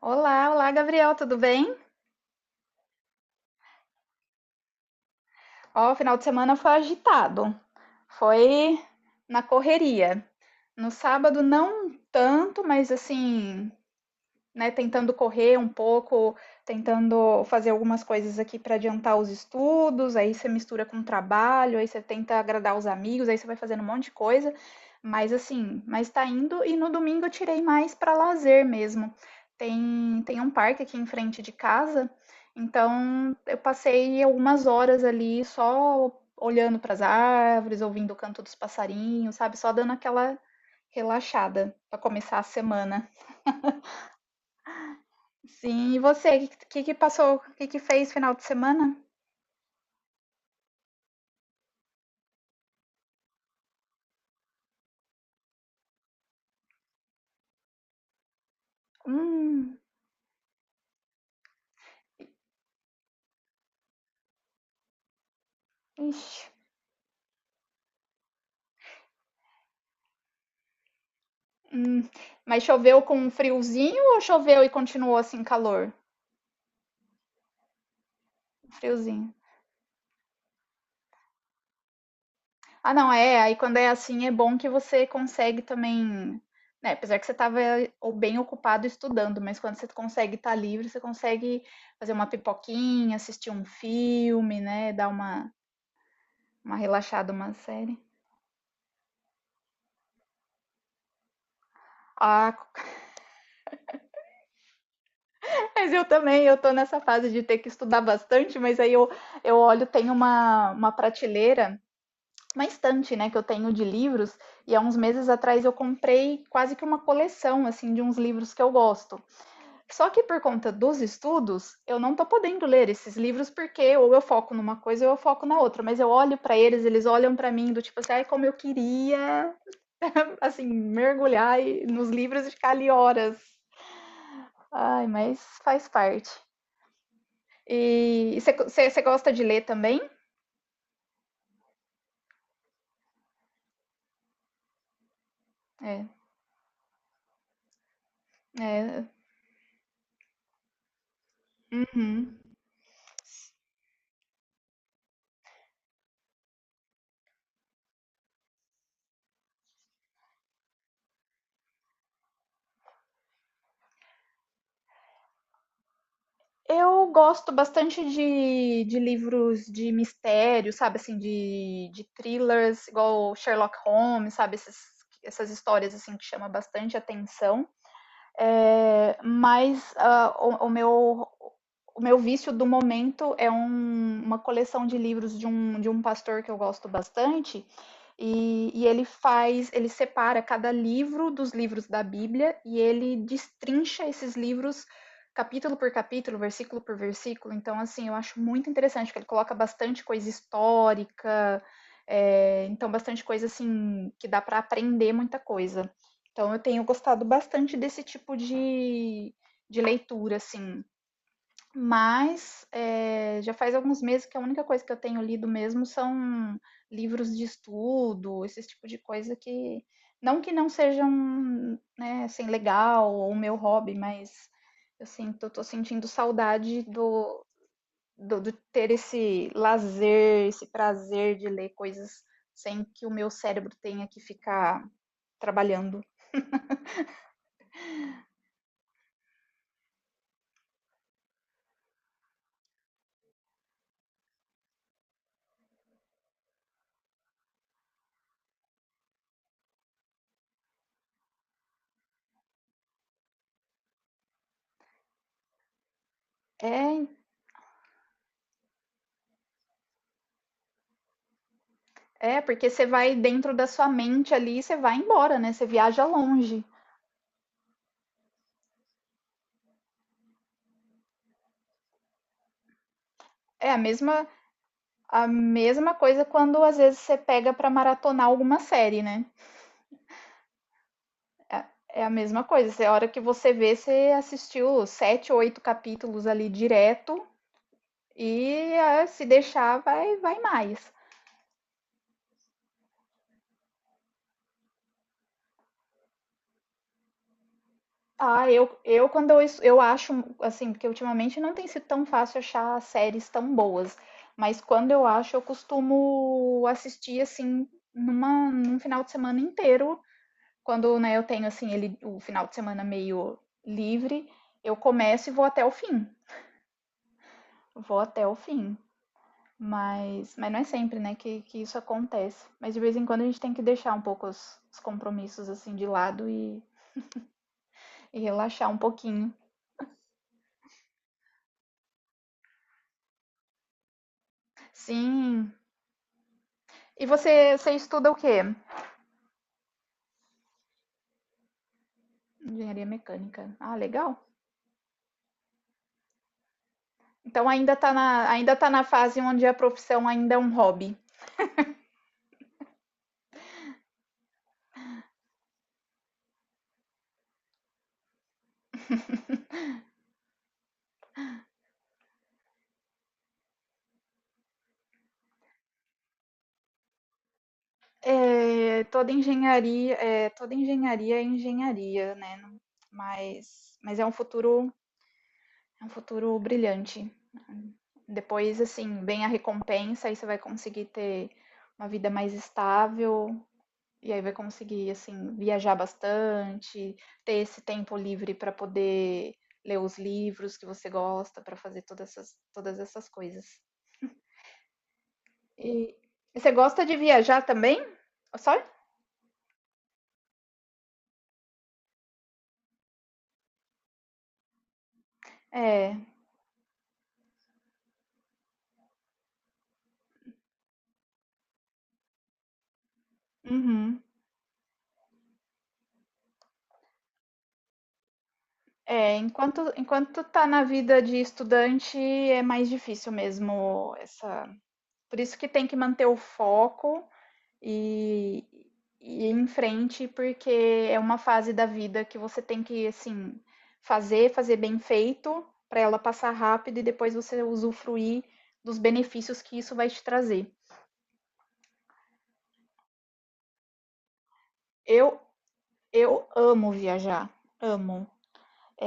Olá, olá, Gabriel, tudo bem? Ó, o final de semana foi agitado, foi na correria. No sábado não tanto, mas assim, né, tentando correr um pouco, tentando fazer algumas coisas aqui para adiantar os estudos, aí você mistura com o trabalho, aí você tenta agradar os amigos, aí você vai fazendo um monte de coisa, mas assim, mas tá indo e no domingo eu tirei mais para lazer mesmo. Tem um parque aqui em frente de casa, então eu passei algumas horas ali só olhando para as árvores, ouvindo o canto dos passarinhos, sabe? Só dando aquela relaxada para começar a semana. Sim, e você? O que que passou? O que que fez final de semana? Hum, ixi, hum. Mas choveu com um friozinho ou choveu e continuou assim calor? Friozinho. Ah, não, é. Aí quando é assim é bom que você consegue também, né? Apesar que você estava ou bem ocupado estudando, mas quando você consegue estar livre, você consegue fazer uma pipoquinha, assistir um filme, né? Dar uma relaxada, uma série. Ah, mas eu também, eu tô nessa fase de ter que estudar bastante, mas aí eu olho, tem uma prateleira, uma estante, né, que eu tenho de livros, e há uns meses atrás eu comprei quase que uma coleção, assim, de uns livros que eu gosto. Só que por conta dos estudos, eu não tô podendo ler esses livros porque ou eu foco numa coisa ou eu foco na outra, mas eu olho pra eles, eles olham pra mim do tipo assim, ai, como eu queria, assim, mergulhar nos livros e ficar ali horas. Ai, mas faz parte. E você gosta de ler também? É, é. Eu gosto bastante de livros de mistério, sabe? Assim, de thrillers, igual Sherlock Holmes, sabe? Esses, essas histórias assim que chamam bastante atenção. É, mas ah, o, o meu vício do momento é uma coleção de livros de um pastor que eu gosto bastante. E ele faz, ele separa cada livro dos livros da Bíblia e ele destrincha esses livros capítulo por capítulo, versículo por versículo. Então, assim, eu acho muito interessante que ele coloca bastante coisa histórica, é, então bastante coisa assim que dá para aprender muita coisa. Então eu tenho gostado bastante desse tipo de leitura, assim. Mas é, já faz alguns meses que a única coisa que eu tenho lido mesmo são livros de estudo, esse tipo de coisa que. Não que não sejam, né, assim, legal ou o meu hobby, mas eu sinto, eu tô sentindo saudade do, do ter esse lazer, esse prazer de ler coisas sem que o meu cérebro tenha que ficar trabalhando. É, é, porque você vai dentro da sua mente ali e você vai embora, né? Você viaja longe. É a mesma coisa quando às vezes você pega pra maratonar alguma série, né? É a mesma coisa. Você, a hora que você vê, você assistiu sete, oito capítulos ali direto e ah, se deixar, vai, vai mais. Ah, eu quando eu, eu acho, assim, porque ultimamente não tem sido tão fácil achar séries tão boas, mas quando eu acho, eu costumo assistir, assim, numa, num final de semana inteiro, quando, né, eu tenho, assim, ele, o final de semana meio livre, eu começo e vou até o fim, vou até o fim, mas não é sempre, né, que isso acontece, mas de vez em quando a gente tem que deixar um pouco os compromissos, assim, de lado e relaxar um pouquinho. Sim, e você, você estuda o quê? Engenharia mecânica. Ah, legal. Então ainda está na, ainda tá na fase onde a profissão ainda é um hobby. É, toda engenharia, é, toda engenharia é engenharia, né? Mas é um futuro brilhante. Depois, assim, vem a recompensa, aí você vai conseguir ter uma vida mais estável, e aí vai conseguir, assim, viajar bastante, ter esse tempo livre para poder ler os livros que você gosta, para fazer todas essas coisas. E e você gosta de viajar também? Só? É. Uhum. É, enquanto, enquanto tá na vida de estudante, é mais difícil mesmo essa. Por isso que tem que manter o foco e, e ir em frente, porque é uma fase da vida que você tem que, assim, fazer, fazer bem feito, para ela passar rápido e depois você usufruir dos benefícios que isso vai te trazer. Eu, eu amo viajar, amo.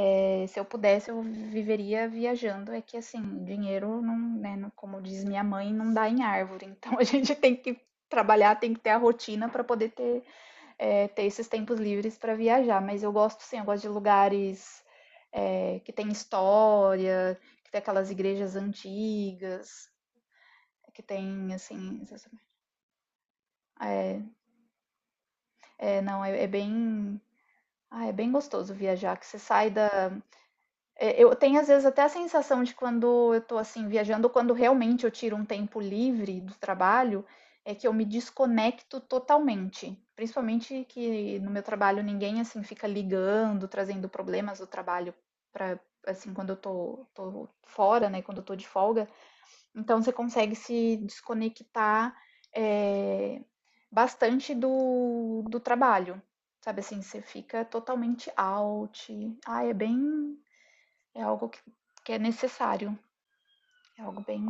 É, se eu pudesse, eu viveria viajando. É que, assim, dinheiro, não, né, não- como diz minha mãe, não dá em árvore. Então a gente tem que trabalhar, tem que ter a rotina para poder ter é, ter esses tempos livres para viajar. Mas eu gosto sim, eu gosto de lugares é, que tem história, que tem aquelas igrejas antigas, que tem assim. É, é, não, é, é bem. Ah, é bem gostoso viajar, que você sai da, é, eu tenho às vezes até a sensação de quando eu tô assim viajando, quando realmente eu tiro um tempo livre do trabalho, é que eu me desconecto totalmente. Principalmente que no meu trabalho ninguém assim fica ligando, trazendo problemas do trabalho para assim quando eu tô, tô fora, né, quando eu tô de folga. Então você consegue se desconectar é, bastante do, do trabalho. Sabe assim, você fica totalmente out. Ah, é bem é algo que é necessário. É algo bem.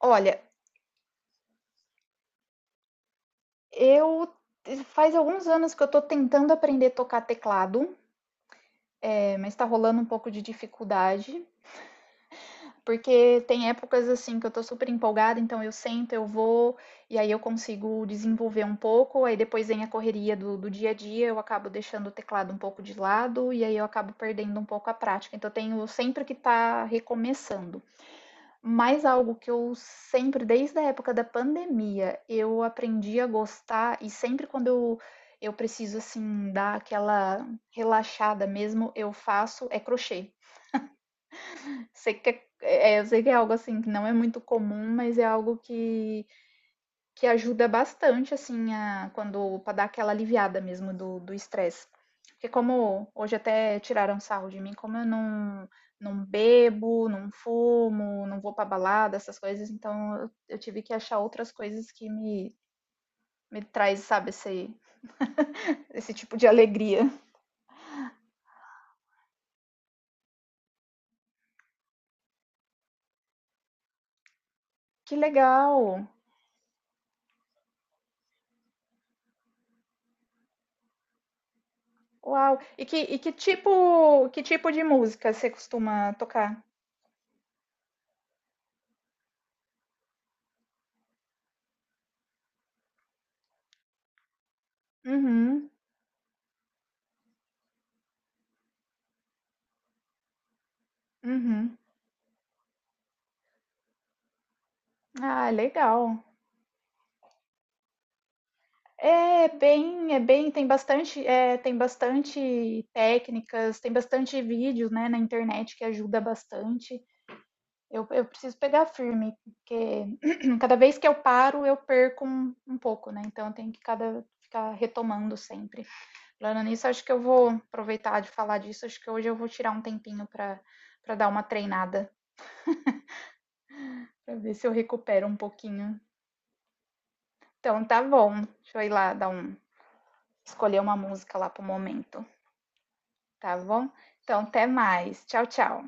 Olha, eu faz alguns anos que eu tô tentando aprender a tocar teclado, é, mas tá rolando um pouco de dificuldade. Porque tem épocas assim que eu tô super empolgada, então eu sento, eu vou, e aí eu consigo desenvolver um pouco, aí depois vem a correria do, do dia a dia, eu acabo deixando o teclado um pouco de lado, e aí eu acabo perdendo um pouco a prática. Então eu tenho sempre que tá recomeçando. Mas algo que eu sempre, desde a época da pandemia, eu aprendi a gostar e sempre quando eu preciso assim dar aquela relaxada mesmo, eu faço é crochê. Sei que é, é, eu sei que é algo assim que não é muito comum, mas é algo que ajuda bastante, assim, a, quando para dar aquela aliviada mesmo do do estresse. Porque como hoje até tiraram sarro de mim, como eu não bebo, não fumo, não vou pra balada, essas coisas, então eu tive que achar outras coisas que me me traz, sabe, esse esse tipo de alegria. Que legal. Uau. E que tipo de música você costuma tocar? Uhum, uhum. Ah, legal. É bem tem bastante, tem bastante técnicas, tem bastante vídeos, né, na internet que ajuda bastante. Eu preciso pegar firme, porque cada vez que eu paro, eu perco um pouco, né, então eu tenho que cada ficar retomando sempre. Falando nisso, acho que eu vou aproveitar de falar disso, acho que hoje eu vou tirar um tempinho para para dar uma treinada, para ver se eu recupero um pouquinho. Então tá bom, deixa eu ir lá dar um escolher uma música lá para o momento. Tá bom? Então, até mais. Tchau, tchau.